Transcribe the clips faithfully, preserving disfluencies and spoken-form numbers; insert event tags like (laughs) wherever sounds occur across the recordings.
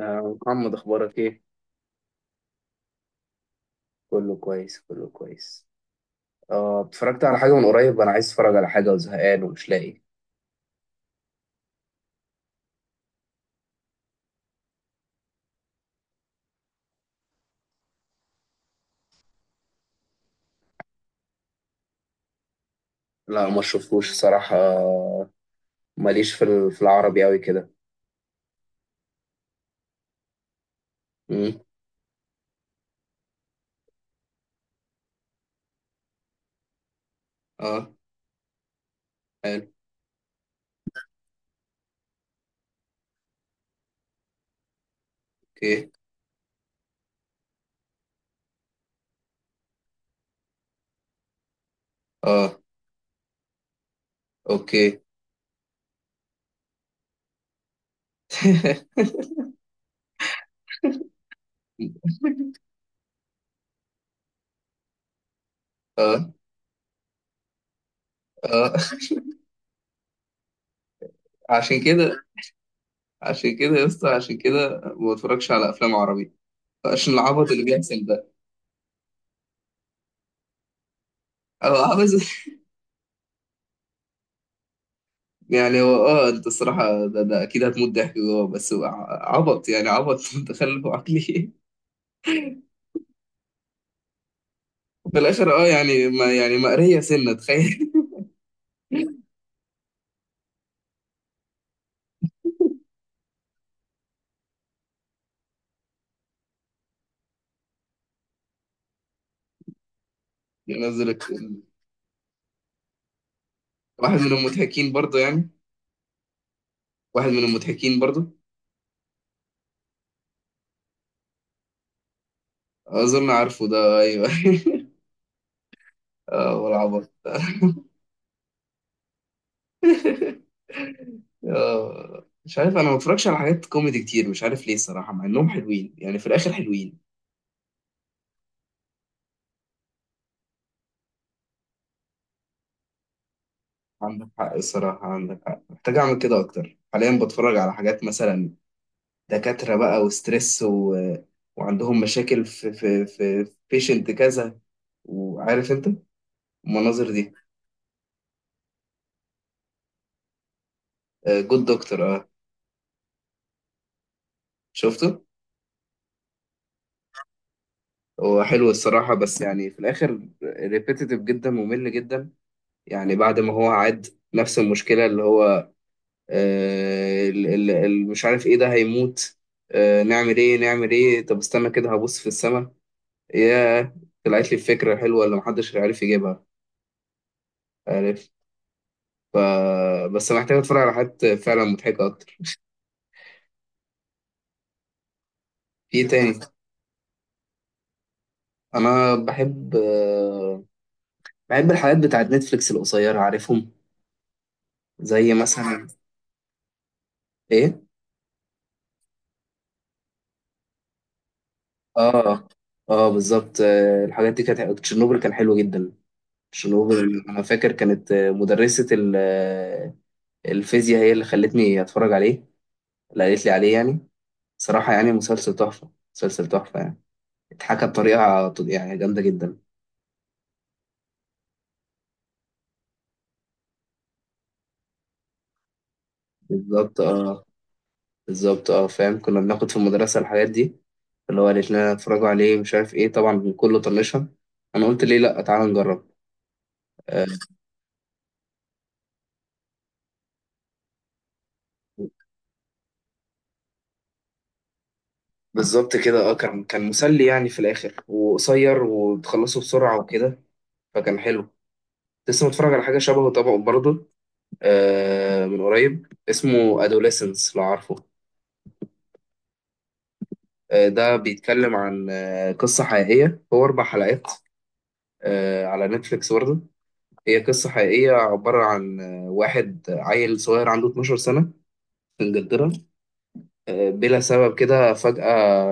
آه، محمد، اخبارك ايه؟ كله كويس، كله كويس. آه اتفرجت على حاجه من قريب، انا عايز اتفرج على حاجه وزهقان ومش لاقي. لا، ما شفتوش صراحه. ماليش في ال- في العربي قوي كده. امم اه. حلو. اوكي. اه. اوكي. (laughs) اه، اه، عشان كده، عشان كده يا اسطى، عشان كده ما بتفرجش على افلام عربي. عشان العبط اللي بيحصل ده. اه، عبث. (laughs) يعني هو، اه انت الصراحه، ده, ده اكيد هتموت ضحك جوه، بس هو ع- عبط، يعني عبط. (laughs) متخلف عقلي. في الاخر، اه يعني ما يعني مقريه سنه، تخيل. (laughs) ينزل الك- واحد من المضحكين برضو يعني. واحد من المضحكين برضو. اظن عارفه ده، ايوه. (laughs) اه، والعبط. (laughs) اه، مش عارف، انا ما بتفرجش على حاجات كوميدي كتير، مش عارف ليه الصراحه، مع انهم حلوين يعني، في الاخر حلوين. عندك حق الصراحه، عندك حق، محتاج اعمل كده اكتر. حاليا بتفرج على حاجات مثلا دكاتره بقى وستريس، و... وعندهم مشاكل في في في بيشنت كذا، وعارف انت المناظر دي. جود دكتور، اه. شفته. هو حلو الصراحة، بس يعني في الآخر ريبيتيتيف جدا، ممل جدا. يعني بعد ما هو عاد نفس المشكلة اللي هو آه ال- ال- ال- مش عارف ايه ده، هيموت. آه نعمل ايه، نعمل ايه، طب استنى كده هبص في السماء. ياه، طلعت لي الفكرة حلوة اللي محدش عارف يجيبها. عارف؟ ف بس محتاج اتفرج على حاجات فعلا مضحكة أكتر. في إيه تاني؟ أنا بحب آه بحب الحاجات بتاعت نتفليكس القصيرة. عارفهم؟ زي مثلا. ايه. اه، اه، بالظبط. آه، الحاجات دي، كانت تشيرنوبل كان حلو جدا. تشيرنوبل، انا فاكر كانت آه، مدرسة ال- آه، الفيزياء هي اللي خلتني اتفرج عليه، اللي قالت لي عليه يعني. صراحة يعني مسلسل تحفة، مسلسل تحفة يعني. اتحكى بطريقة يعني جامدة جدا. بالظبط، اه. بالظبط، اه، فاهم. كنا بناخد في المدرسة الحاجات دي، اللي هو قالت لنا اتفرجوا عليه، مش عارف ايه. طبعا كله طنشها، انا قلت ليه لا، تعالى نجرب. بالظبط كده، اه. كان كان مسلي يعني في الاخر، وقصير وتخلصه بسرعة وكده. فكان حلو. كنت لسه متفرج على حاجة شبهه طبعا برضه، آه، من قريب، اسمه أدوليسنس، لو عارفه. آه، ده بيتكلم عن آه، قصة حقيقية، هو أربع حلقات، آه، على نتفليكس برضه. هي قصة حقيقية، عبارة عن آه، واحد عيل صغير عنده اثنا عشر سنة في إنجلترا. آه، بلا سبب كده فجأة،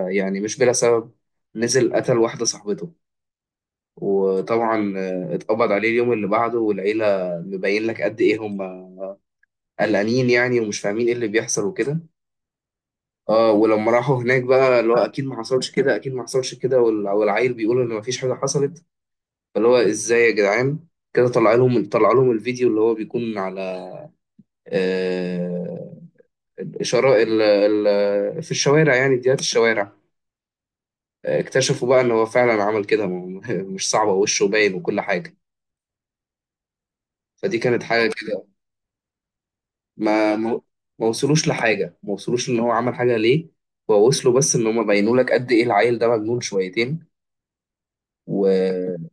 يعني مش بلا سبب، نزل قتل واحدة صاحبته. وطبعا آه، اتقبض عليه اليوم اللي بعده، والعيلة مبين لك قد إيه هم قلقانين يعني، ومش فاهمين إيه اللي بيحصل وكده. اه، ولما راحوا هناك بقى اللي هو اكيد ما حصلش كده، اكيد ما حصلش كده، وال- والعيل بيقول ان ما فيش حاجه حصلت. فاللي هو ازاي يا جدعان؟ كده طلع لهم طلع لهم الفيديو اللي هو بيكون على، آه الاشاره، ال ال في الشوارع، يعني فيديوهات الشوارع. آه، اكتشفوا بقى ان هو فعلا عمل كده، ما (laughs) هو- مش صعبه، وشه باين وكل حاجه. فدي كانت حاجه كده. ما ما ما وصلوش لحاجه، ما وصلوش ان هو عمل حاجه ليه. هو وصلوا بس ان هم بينوا لك قد ايه العيل ده مجنون شويتين. و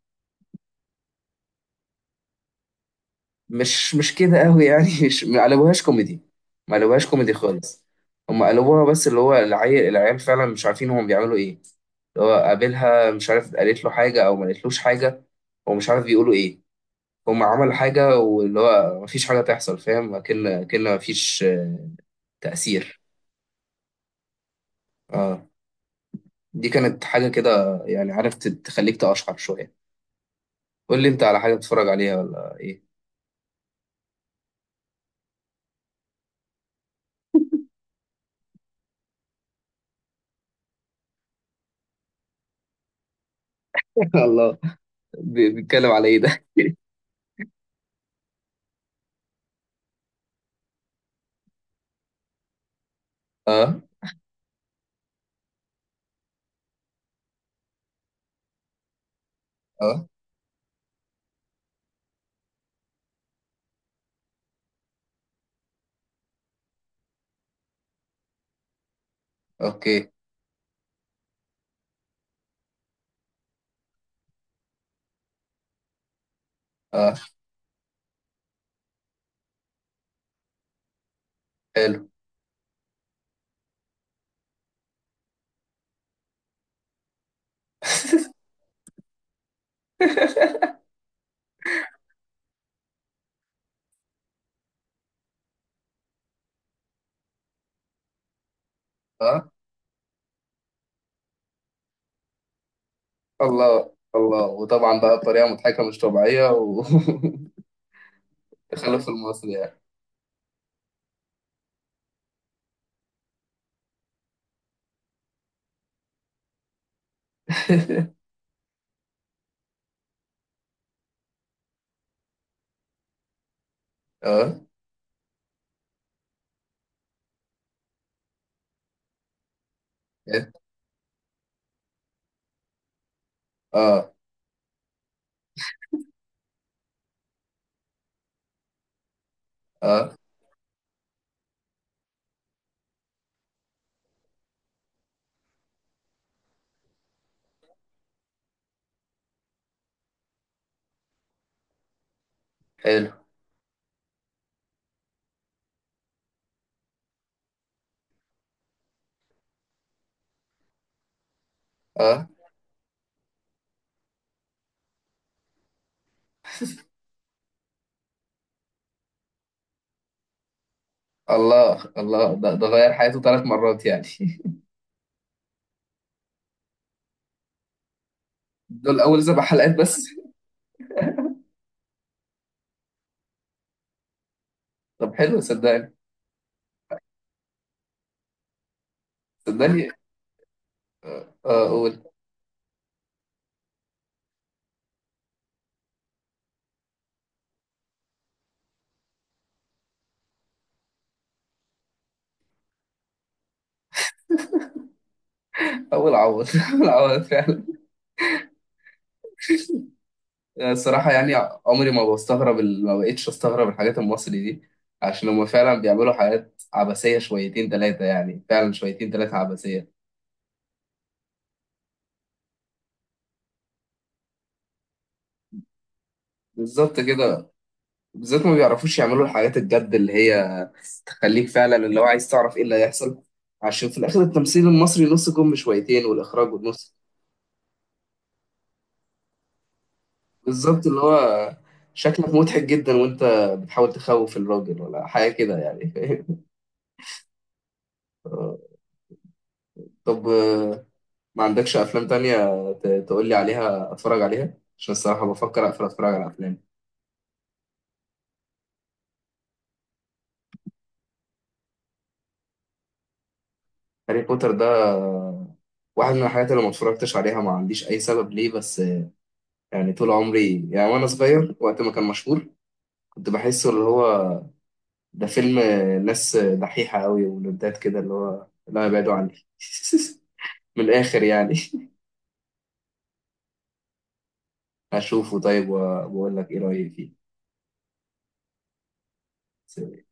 مش مش كده قوي يعني. (laughs) مش، ما قلبوهاش كوميدي، ما قلبوهاش كوميدي خالص. هم قلبوها، بس اللي هو العيال، العيال فعلا مش عارفين هم بيعملوا ايه. اللي هو قابلها مش عارف قالت له حاجة او ما قالتلوش حاجة، هو مش عارف بيقولوا ايه. هم عملوا حاجة واللي هو مفيش حاجة تحصل، فاهم، اكن كأن مفيش آه، تأثير. دي كانت حاجة كده يعني، عارف، تت- تخليك تقشعر شوية. قول لي انت على حاجة بتتفرج عليها ولا ايه؟ (laughs) الله. بي- بيتكلم على ايه ده؟ (laughs) اه، اه، اوكي، اه، حلو، اه. الله، الله، وطبعا بقى بطريقه مضحكه مش طبيعيه وتخلف. (laughs) المصري يعني. (laughs) اه، اه، اه، حلو، اه. الله، الله، ده, ده غير حياته ثلاث مرات يعني. (laughs) دول اول سبع حلقات بس؟ طب حلو، صدقني، صدقني، اه، قول. اول عوض، (laughs) اول عوض فعلا. آه، الصراحه يعني، عمري ما بستغرب ال- ما بقتش استغرب الحاجات المصري دي. عشان هم فعلا بيعملوا حاجات عبثيه شويتين ثلاثه، يعني فعلا شويتين ثلاثه عبثيه. بالظبط كده. بالذات ما بيعرفوش يعملوا الحاجات الجد، اللي هي تخليك فعلا اللي هو عايز تعرف ايه اللي هيحصل. عشان في الاخر التمثيل المصري نص كم شويتين، والاخراج والنص. بالظبط، اللي هو شكلك مضحك جدا وانت بتحاول تخوف الراجل ولا حاجه كده يعني. (laughs) فاهم؟ طب، آه، ما عندكش افلام تانية ت- تقول لي عليها، اتفرج عليها عشان الصراحه بفكر اقفل، اتفرج على افلام. هاري بوتر ده، آه، واحد من الحاجات اللي ما اتفرجتش عليها. ما عنديش اي سبب ليه، بس يعني طول عمري يعني وانا صغير، وقت ما كان مشهور، كنت بحسه اللي هو ده فيلم ناس دحيحة قوي، ولدات كده اللي هو لا، يبعدوا عني. (laughs) من الآخر يعني. (laughs) هشوفه طيب وبقول لك ايه رأيي فيه.